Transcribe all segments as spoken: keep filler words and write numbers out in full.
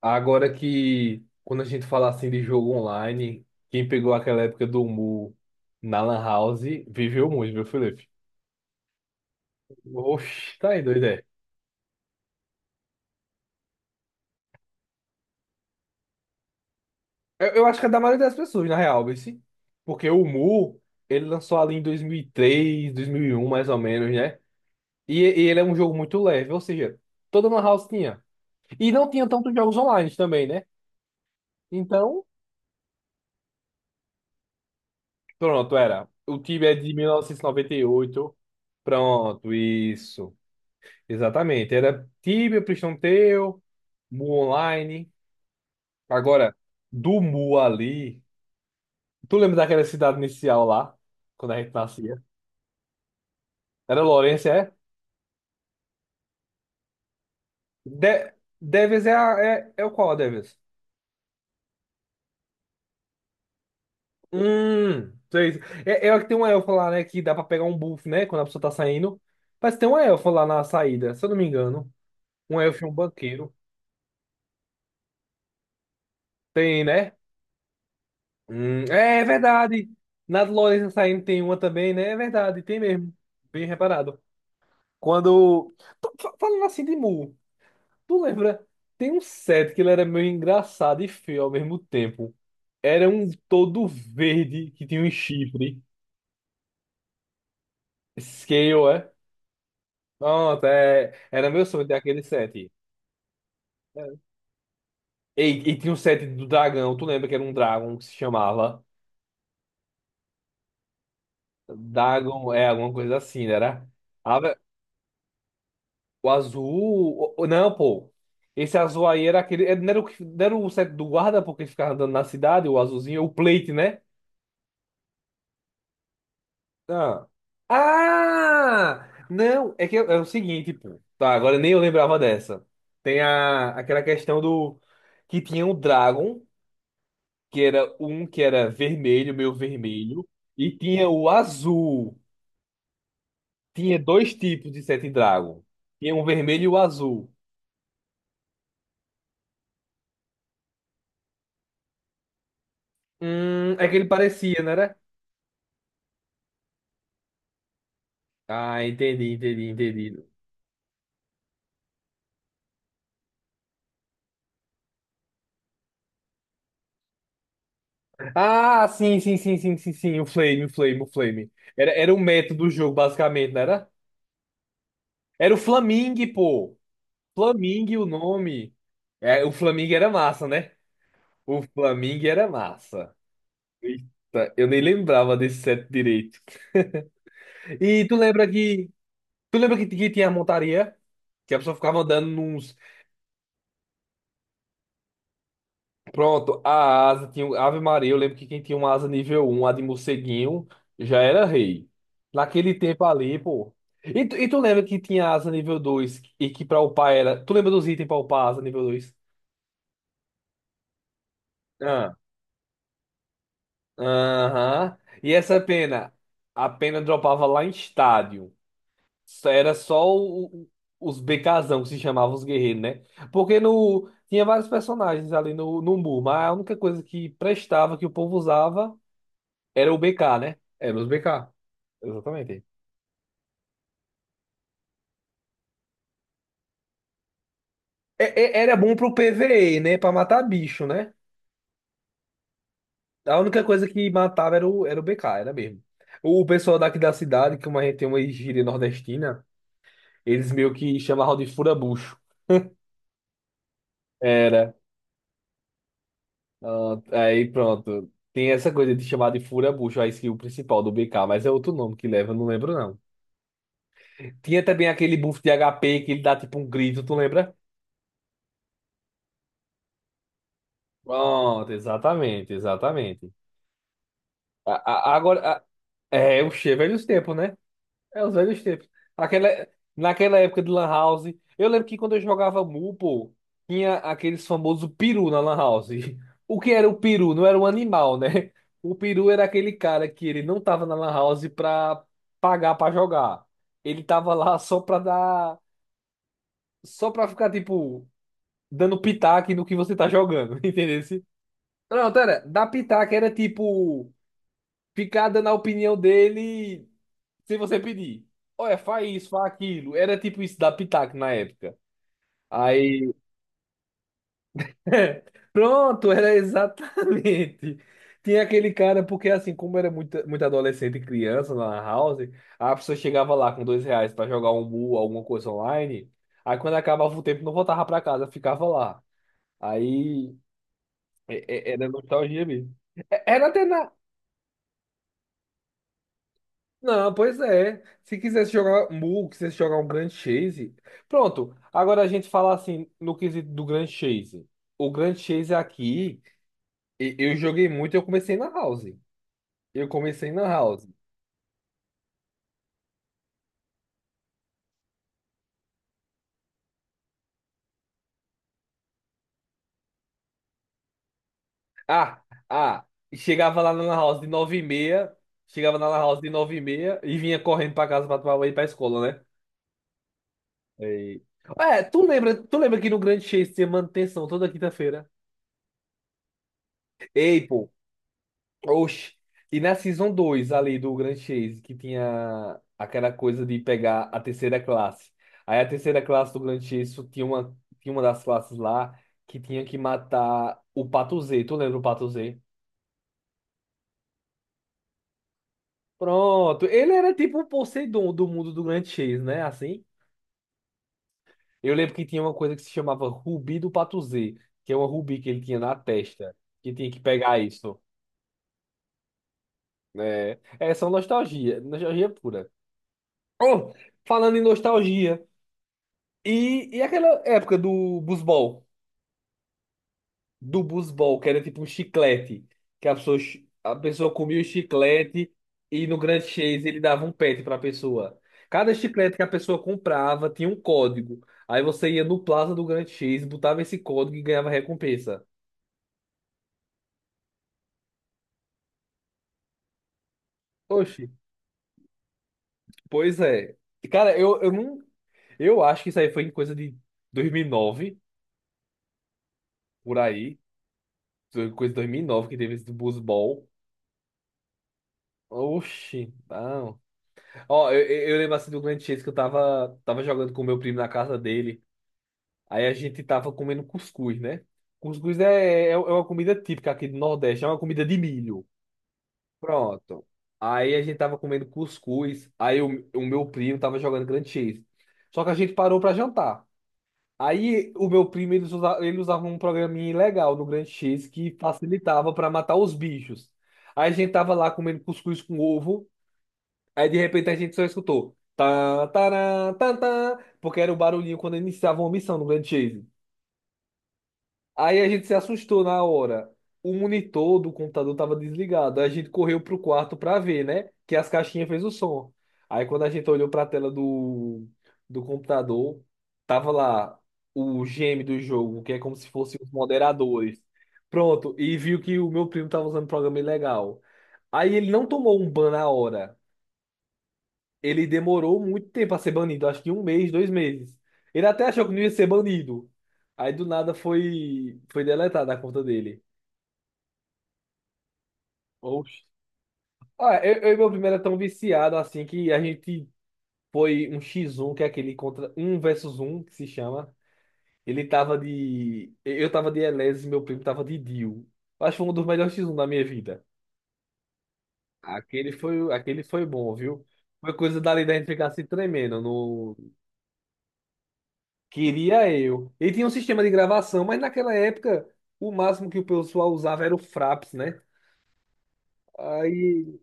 Agora que quando a gente fala assim de jogo online, quem pegou aquela época do Mu na Lan House viveu muito, viu, Felipe? Oxi, tá aí, doido. É. Eu, eu acho que é da maioria das pessoas, na real, esse. Porque o Mu, ele lançou ali em dois dois mil mil e três dois mil e um mais ou menos, né? E, e ele é um jogo muito leve, ou seja, toda Lan House tinha. E não tinha tantos jogos online também, né? Então, pronto, era. O time é de mil novecentos e e noventa e oito. Pronto, isso. Exatamente. Era Tibia, Priston Tale, Mu Online. Agora, do Mu ali. Tu lembra daquela cidade inicial lá? Quando a gente nascia? Era Lourenço, é? De Devers é, a- é, é o qual, a Devers? Hum, sei. É, é a que tem uma elfa lá, né? Que dá pra pegar um buff, né? Quando a pessoa tá saindo. Parece que tem uma elfa lá na saída, se eu não me engano. Um elfo e um banqueiro. Tem, né? Hum, é, é verdade. Na do Lourenço saindo tem uma também, né? É verdade, tem mesmo. Bem reparado. Quando. Tu- fa- Falando assim de Mu, tu lembra? Tem um set que ele era meio engraçado e feio ao mesmo tempo. Era um todo verde que tinha um chifre. Scale, é? Pronto, é. Era meu sonho ter aquele set. É. E, e tinha um set do dragão, tu lembra que era um dragão que se chamava? Dragon, é, alguma coisa assim, né? Era. Ah, vé- o azul. o- o- Não, pô. Esse azul aí era aquele. É, não era o, que- não era o set do guarda, porque ele ficava andando na cidade, o azulzinho, o plate, né? Ah. Ah! Não, é que é, é o seguinte, pô. Tá, agora nem eu lembrava dessa. Tem a, aquela questão do que tinha o Dragon, que era um que era vermelho, meio vermelho, e tinha o azul. Tinha dois tipos de Sete Dragon. Tinha um vermelho e o azul. Hum, é que ele parecia, não era? Ah, entendi, entendi, entendi. Ah, sim, sim, sim, sim, sim, sim. O Flame, o Flame, o Flame. Era, era o método do jogo, basicamente, não era? Era o Flamingue, pô. Flamingo, o nome. É, o Flamingo era massa, né? O Flamingo era massa. Eita, eu nem lembrava desse set direito. E tu lembra que. Tu lembra que, que tinha a montaria? Que a pessoa ficava andando nos. Pronto, a asa tinha. o- Ave Maria, eu lembro que quem tinha uma asa nível um a de morceguinho, já era rei. Naquele tempo ali, pô. E tu, e tu lembra que tinha asa nível dois e que pra upar era. Tu lembra dos itens pra upar a asa nível dois. Aham. E essa pena? A pena dropava lá em estádio. Só- Era só o- o- Os BKzão que se chamavam os guerreiros, né? Porque no, tinha vários personagens ali no, no Mu, mas a única coisa que prestava, que o povo usava, era o B K, né? Era os B K. Exatamente. É- é- Era bom pro PvE, né? Pra matar bicho, né? A única coisa que matava era o, era o B K, era mesmo. O pessoal daqui da cidade, como a gente tem uma gíria nordestina, eles meio que chamavam de furabucho. Era. Ah, aí pronto. Tem essa coisa de chamar de fura-bucho, a skill principal do B K, mas é outro nome que leva, eu não lembro não. Tinha também aquele buff de H P que ele dá tipo um grito, tu lembra? Pronto, exatamente, exatamente. A- a- agora, a- É o cheiro velho os tempos, né? É os velhos tempos. Aquela, naquela época de Lan House, eu lembro que quando eu jogava Mu, pô, tinha aqueles famosos peru na Lan House. O que era o peru? Não era um animal, né? O peru era aquele cara que ele não tava na Lan House pra pagar pra jogar. Ele tava lá só pra dar. Só pra ficar, tipo, dando pitaco no que você tá jogando, entendeu? Não, pera, dar pitaco era tipo. Ficar dando a opinião dele se você pedir, olha, faz isso, faz aquilo. Era tipo isso da Pitaco na época. Aí, pronto, era exatamente. Tinha aquele cara, porque assim, como era muito, muito adolescente e criança lá na house, a pessoa chegava lá com dois reais pra jogar um mu, alguma coisa online. Aí quando acabava o tempo, não voltava pra casa, ficava lá. Aí, é- é- era nostalgia mesmo. É- Era até na. Não, pois é. Se quisesse jogar Mu, quisesse jogar um Grand Chase. Pronto. Agora a gente fala assim no quesito do Grand Chase. O Grand Chase aqui, e- eu joguei muito, eu comecei na House. Eu comecei na House. Ah, ah, chegava lá na lan House de nove e meia, chegava na lan House de nove e meia e vinha correndo pra casa pra tomar banho e ir pra escola, né? E... É, tu lembra, tu lembra que no Grand Chase tinha manutenção toda quinta-feira? Ei, pô. Oxi. E na Season dois ali do Grand Chase, que tinha aquela coisa de pegar a terceira classe. Aí a terceira classe do Grand Chase só tinha uma, tinha uma das classes lá que tinha que matar o Pato Z. Tu lembra o Pato Z? Pronto. Ele era tipo o Poseidon do mundo do Grand Chase, né? Assim. Eu lembro que tinha uma coisa que se chamava Rubi do Pato Z, que é uma rubi que ele tinha na testa, que tinha que pegar isso. É, é só nostalgia, nostalgia pura. Oh, falando em nostalgia. E, e aquela época do busbol, do busbol, que era tipo um chiclete, que a pessoa, chi- a pessoa comia o chiclete e no Grand Chase ele dava um pet pra pessoa. Cada chiclete que a pessoa comprava tinha um código. Aí você ia no Plaza do Grand Chase, botava esse código e ganhava recompensa. Oxi, pois é. Cara, eu, eu não. Eu acho que isso aí foi em coisa de dois mil e nove, por aí. Coisa de dois mil e nove que teve esse busbol. Oxi, ah. Ó, eu, eu eu lembro assim do grande Chase que eu tava, tava jogando com o meu primo na casa dele. Aí a gente tava comendo cuscuz, né? Cuscuz é, é, é uma comida típica aqui do Nordeste, é uma comida de milho. Pronto. Aí a gente tava comendo cuscuz, aí o, o meu primo tava jogando grande Chase. Só que a gente parou pra jantar. Aí o meu primo, ele usava, ele usava um programinha legal no grande Chase que facilitava pra matar os bichos. Aí a gente tava lá comendo cuscuz com ovo. Aí de repente a gente só escutou. Tá, tará, tá, tá, porque era o barulhinho quando iniciava uma missão no Grand Chase. Aí a gente se assustou na hora. O monitor do computador estava desligado. Aí a gente correu pro quarto para ver, né? Que as caixinhas fez o som. Aí quando a gente olhou para a tela do, do computador, tava lá o G M do jogo, que é como se fossem os moderadores. Pronto, e viu que o meu primo tava usando um programa ilegal. Aí ele não tomou um ban na hora, ele demorou muito tempo a ser banido, acho que um mês, dois meses. Ele até achou que não ia ser banido. Aí do nada foi, foi deletada a conta dele. Oxe. Ah, eu, eu e meu primo era tão viciado assim que a gente foi um equis um, que é aquele contra um versus um que se chama. Ele tava de. Eu tava de Elez e meu primo tava de Dio. Eu acho que foi um dos melhores X um da minha vida. Aquele foi, aquele foi bom, viu? Foi coisa dali da gente ficar se tremendo no. Queria eu. Ele tinha um sistema de gravação, mas naquela época o máximo que o pessoal usava era o Fraps, né? Aí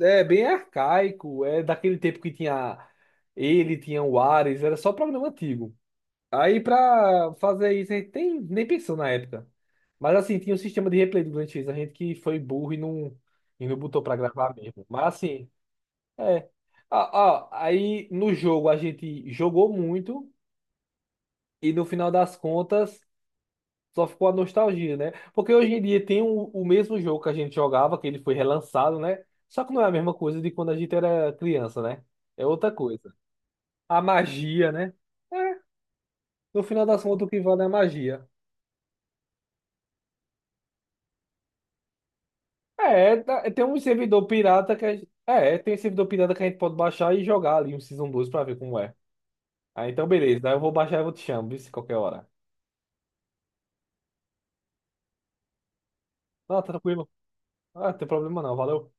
é bem arcaico, é daquele tempo que tinha ele, tinha o Ares, era só programa antigo. Aí pra fazer isso a gente nem, nem pensou na época. Mas assim, tinha um sistema de replay do Grand X, a gente que foi burro e não, e não botou pra gravar mesmo. Mas assim, é. Ah, ah, aí no jogo a gente jogou muito e no final das contas. Só ficou a nostalgia, né? Porque hoje em dia tem o, o mesmo jogo que a gente jogava, que ele foi relançado, né? Só que não é a mesma coisa de quando a gente era criança, né? É outra coisa. A magia, né? É, no final das contas, o que vale é a magia. É, tá- é, tem um servidor pirata que a, gente- é, tem um servidor pirata que a gente pode baixar e jogar ali um Season dois pra ver como é. Ah, então beleza. Aí eu vou baixar e vou te chamar, viu? Se qualquer hora. Não, tá tranquilo. Ah, não tem problema não. Valeu.